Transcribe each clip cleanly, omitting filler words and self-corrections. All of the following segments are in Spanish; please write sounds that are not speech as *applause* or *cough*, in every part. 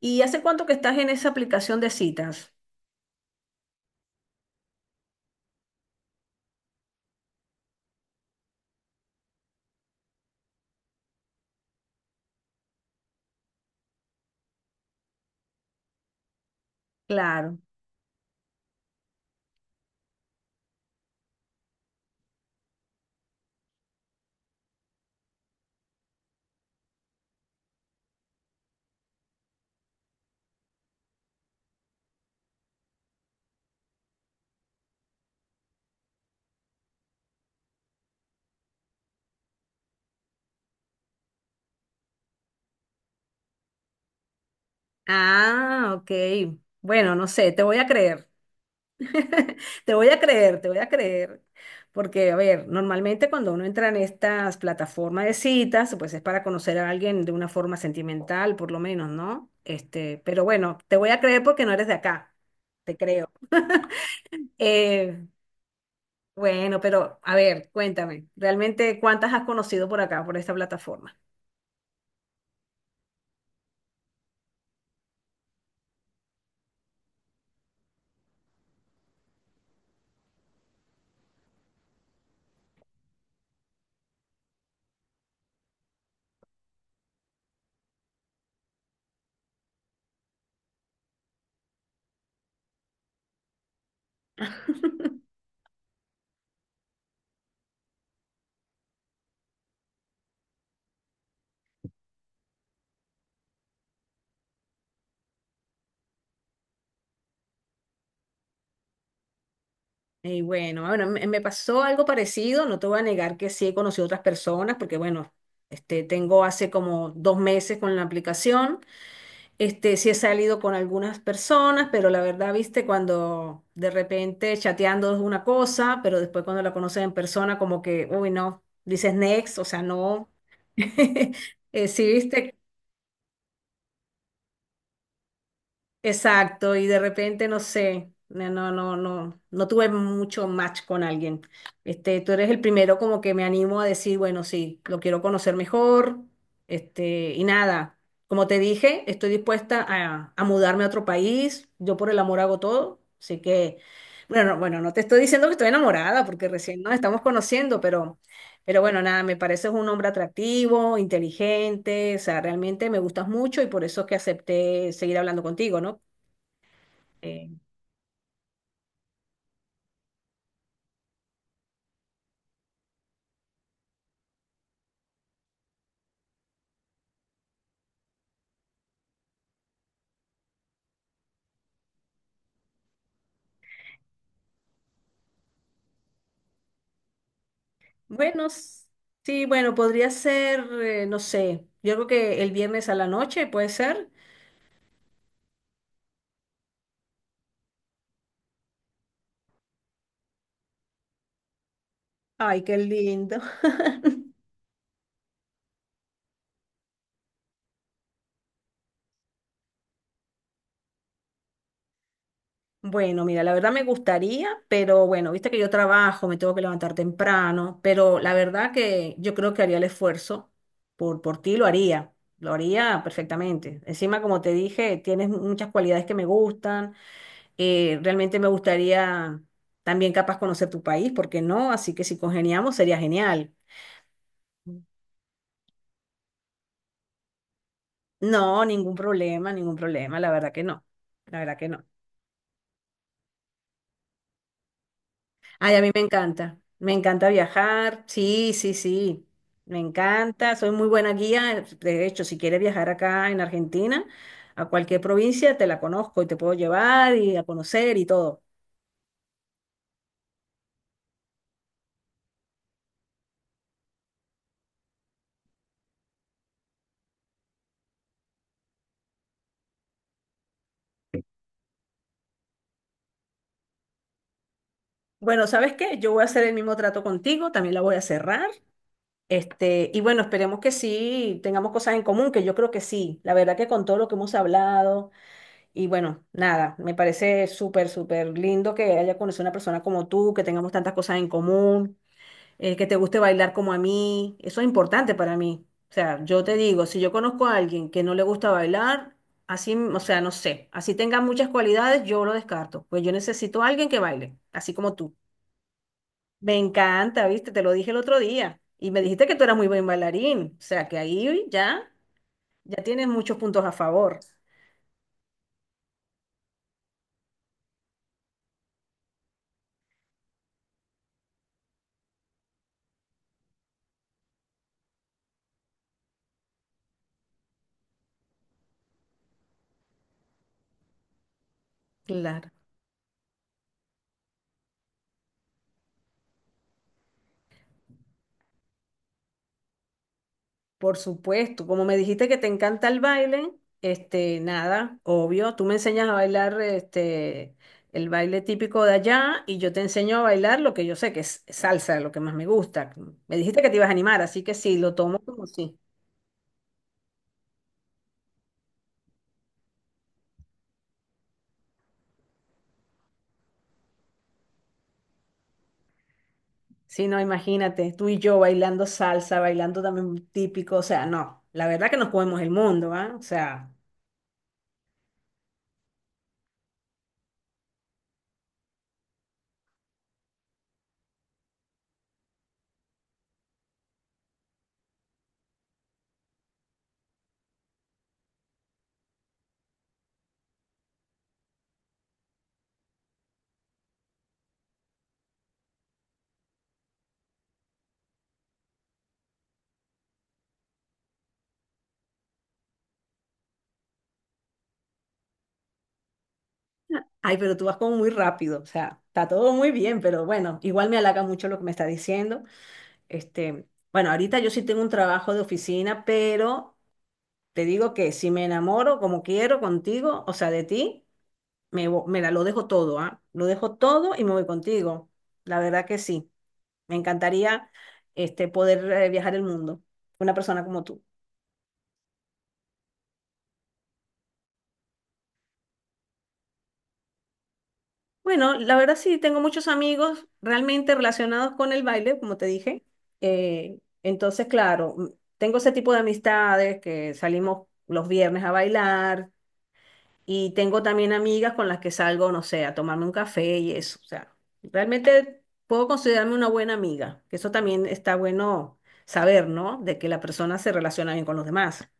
¿Y hace cuánto que estás en esa aplicación de citas? Claro. Ah, ok. Bueno, no sé, te voy a creer. *laughs* Te voy a creer, te voy a creer. Porque, a ver, normalmente cuando uno entra en estas plataformas de citas, pues es para conocer a alguien de una forma sentimental, por lo menos, ¿no? Este, pero bueno, te voy a creer porque no eres de acá. Te creo. Eh, bueno, pero a ver, cuéntame, ¿realmente cuántas has conocido por acá, por esta plataforma? Y bueno, bueno, me pasó algo parecido, no te voy a negar que sí he conocido otras personas, porque bueno, este, tengo hace como dos meses con la aplicación, este, sí he salido con algunas personas, pero la verdad, viste, cuando de repente chateando es una cosa, pero después cuando la conoces en persona, como que, uy, no, dices next, o sea, no. *laughs* Sí, viste. Exacto, y de repente no sé, no, no, no, no, no tuve mucho match con alguien. Este, tú eres el primero como que me animo a decir, bueno, sí, lo quiero conocer mejor, este, y nada, como te dije, estoy dispuesta a mudarme a otro país, yo por el amor hago todo, así que, bueno, bueno, no te estoy diciendo que estoy enamorada, porque recién nos estamos conociendo, pero bueno, nada, me pareces un hombre atractivo, inteligente, o sea, realmente me gustas mucho y por eso es que acepté seguir hablando contigo, ¿no? Eh, bueno, sí, bueno, podría ser, no sé, yo creo que el viernes a la noche puede ser. Ay, qué lindo. *laughs* Bueno, mira, la verdad me gustaría, pero bueno, viste que yo trabajo, me tengo que levantar temprano, pero la verdad que yo creo que haría el esfuerzo por ti, lo haría perfectamente. Encima, como te dije, tienes muchas cualidades que me gustan, realmente me gustaría también capaz conocer tu país, ¿por qué no? Así que si congeniamos sería genial. No, ningún problema, la verdad que no, la verdad que no. Ay, a mí me encanta viajar, sí, sí, sí, me encanta, soy muy buena guía, de hecho, si quieres viajar acá en Argentina, a cualquier provincia, te la conozco y te puedo llevar y a conocer y todo. Bueno, ¿sabes qué? Yo voy a hacer el mismo trato contigo, también la voy a cerrar, este, y bueno, esperemos que sí, tengamos cosas en común, que yo creo que sí, la verdad que con todo lo que hemos hablado. Y bueno, nada, me parece súper, súper lindo que haya conocido a una persona como tú, que tengamos tantas cosas en común, que te guste bailar como a mí. Eso es importante para mí. O sea, yo te digo, si yo conozco a alguien que no le gusta bailar, así, o sea, no sé, así tenga muchas cualidades, yo lo descarto. Pues yo necesito a alguien que baile, así como tú. Me encanta, ¿viste? Te lo dije el otro día. Y me dijiste que tú eras muy buen bailarín. O sea, que ahí ya, ya tienes muchos puntos a favor. Claro. Por supuesto, como me dijiste que te encanta el baile, este, nada, obvio, tú me enseñas a bailar este, el baile típico de allá y yo te enseño a bailar lo que yo sé que es salsa, lo que más me gusta. Me dijiste que te ibas a animar, así que sí, lo tomo como sí. Sí, no, imagínate, tú y yo bailando salsa, bailando también típico, o sea, no, la verdad que nos comemos el mundo, ¿ah? O sea, ay, pero tú vas como muy rápido, o sea, está todo muy bien, pero bueno, igual me halaga mucho lo que me está diciendo. Este, bueno, ahorita yo sí tengo un trabajo de oficina, pero te digo que si me enamoro como quiero contigo, o sea, de ti, me, vo- me la- lo dejo todo, ¿ah? Lo dejo todo y me voy contigo. La verdad que sí. Me encantaría este, poder viajar el mundo, una persona como tú. Bueno, la verdad sí, tengo muchos amigos realmente relacionados con el baile, como te dije. Entonces, claro, tengo ese tipo de amistades que salimos los viernes a bailar. Y tengo también amigas con las que salgo, no sé, a tomarme un café y eso. O sea, realmente puedo considerarme una buena amiga, que eso también está bueno saber, ¿no? De que la persona se relaciona bien con los demás,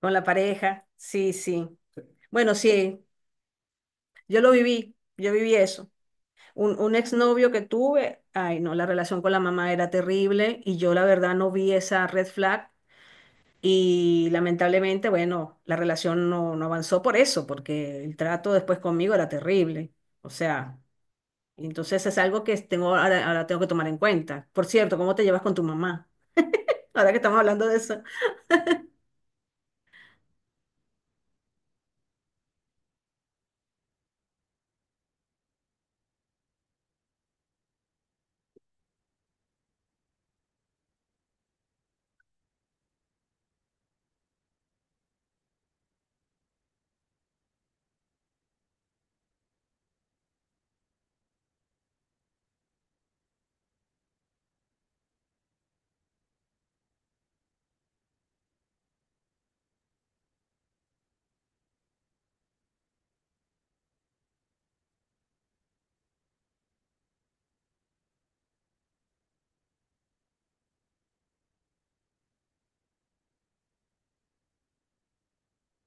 con la pareja. Sí, sí. Bueno, sí, yo lo viví, yo viví eso. Un exnovio que tuve, ay, no, la relación con la mamá era terrible y yo la verdad no vi esa red flag. Y lamentablemente, bueno, la relación no, no avanzó por eso, porque el trato después conmigo era terrible. O sea, y entonces es algo que tengo, ahora, ahora tengo que tomar en cuenta. Por cierto, ¿cómo te llevas con tu mamá? Ahora que estamos hablando de eso.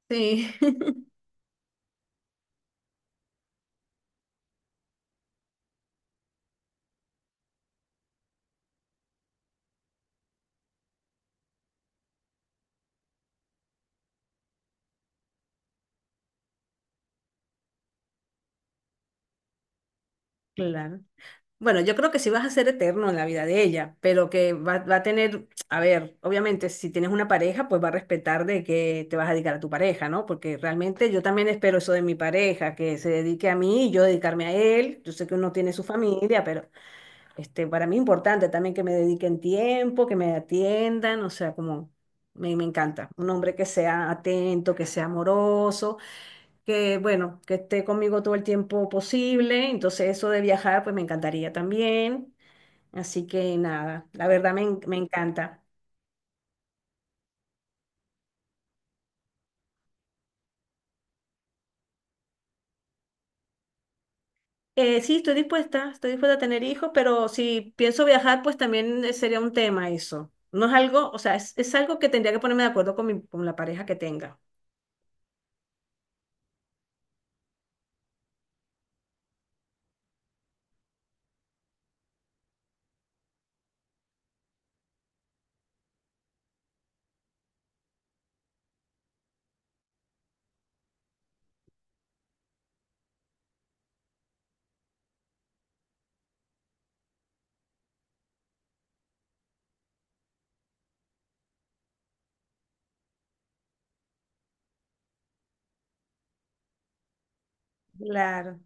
Sí, *laughs* claro. Bueno, yo creo que sí vas a ser eterno en la vida de ella, pero que va, va a tener, a ver, obviamente si tienes una pareja, pues va a respetar de que te vas a dedicar a tu pareja, ¿no? Porque realmente yo también espero eso de mi pareja, que se dedique a mí y yo dedicarme a él. Yo sé que uno tiene su familia, pero este, para mí es importante también que me dediquen tiempo, que me atiendan, o sea, como me encanta. Un hombre que sea atento, que sea amoroso, que bueno, que esté conmigo todo el tiempo posible. Entonces eso de viajar, pues me encantaría también. Así que nada, la verdad me, me encanta. Sí, estoy dispuesta a tener hijos, pero si pienso viajar, pues también sería un tema eso. No es algo, o sea, es algo que tendría que ponerme de acuerdo con con la pareja que tenga. Claro,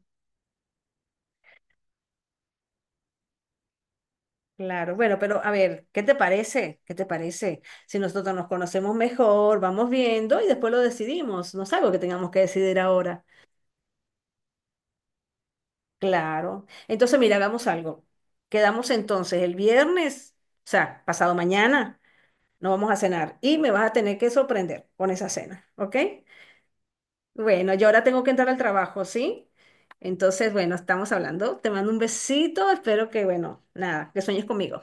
claro. Bueno, pero a ver, ¿qué te parece? ¿Qué te parece? Si nosotros nos conocemos mejor, vamos viendo y después lo decidimos. No es algo que tengamos que decidir ahora. Claro. Entonces, mira, hagamos algo. Quedamos entonces el viernes, o sea, pasado mañana, no vamos a cenar y me vas a tener que sorprender con esa cena, ¿ok? Bueno, yo ahora tengo que entrar al trabajo, ¿sí? Entonces, bueno, estamos hablando. Te mando un besito. Espero que, bueno, nada, que sueñes conmigo.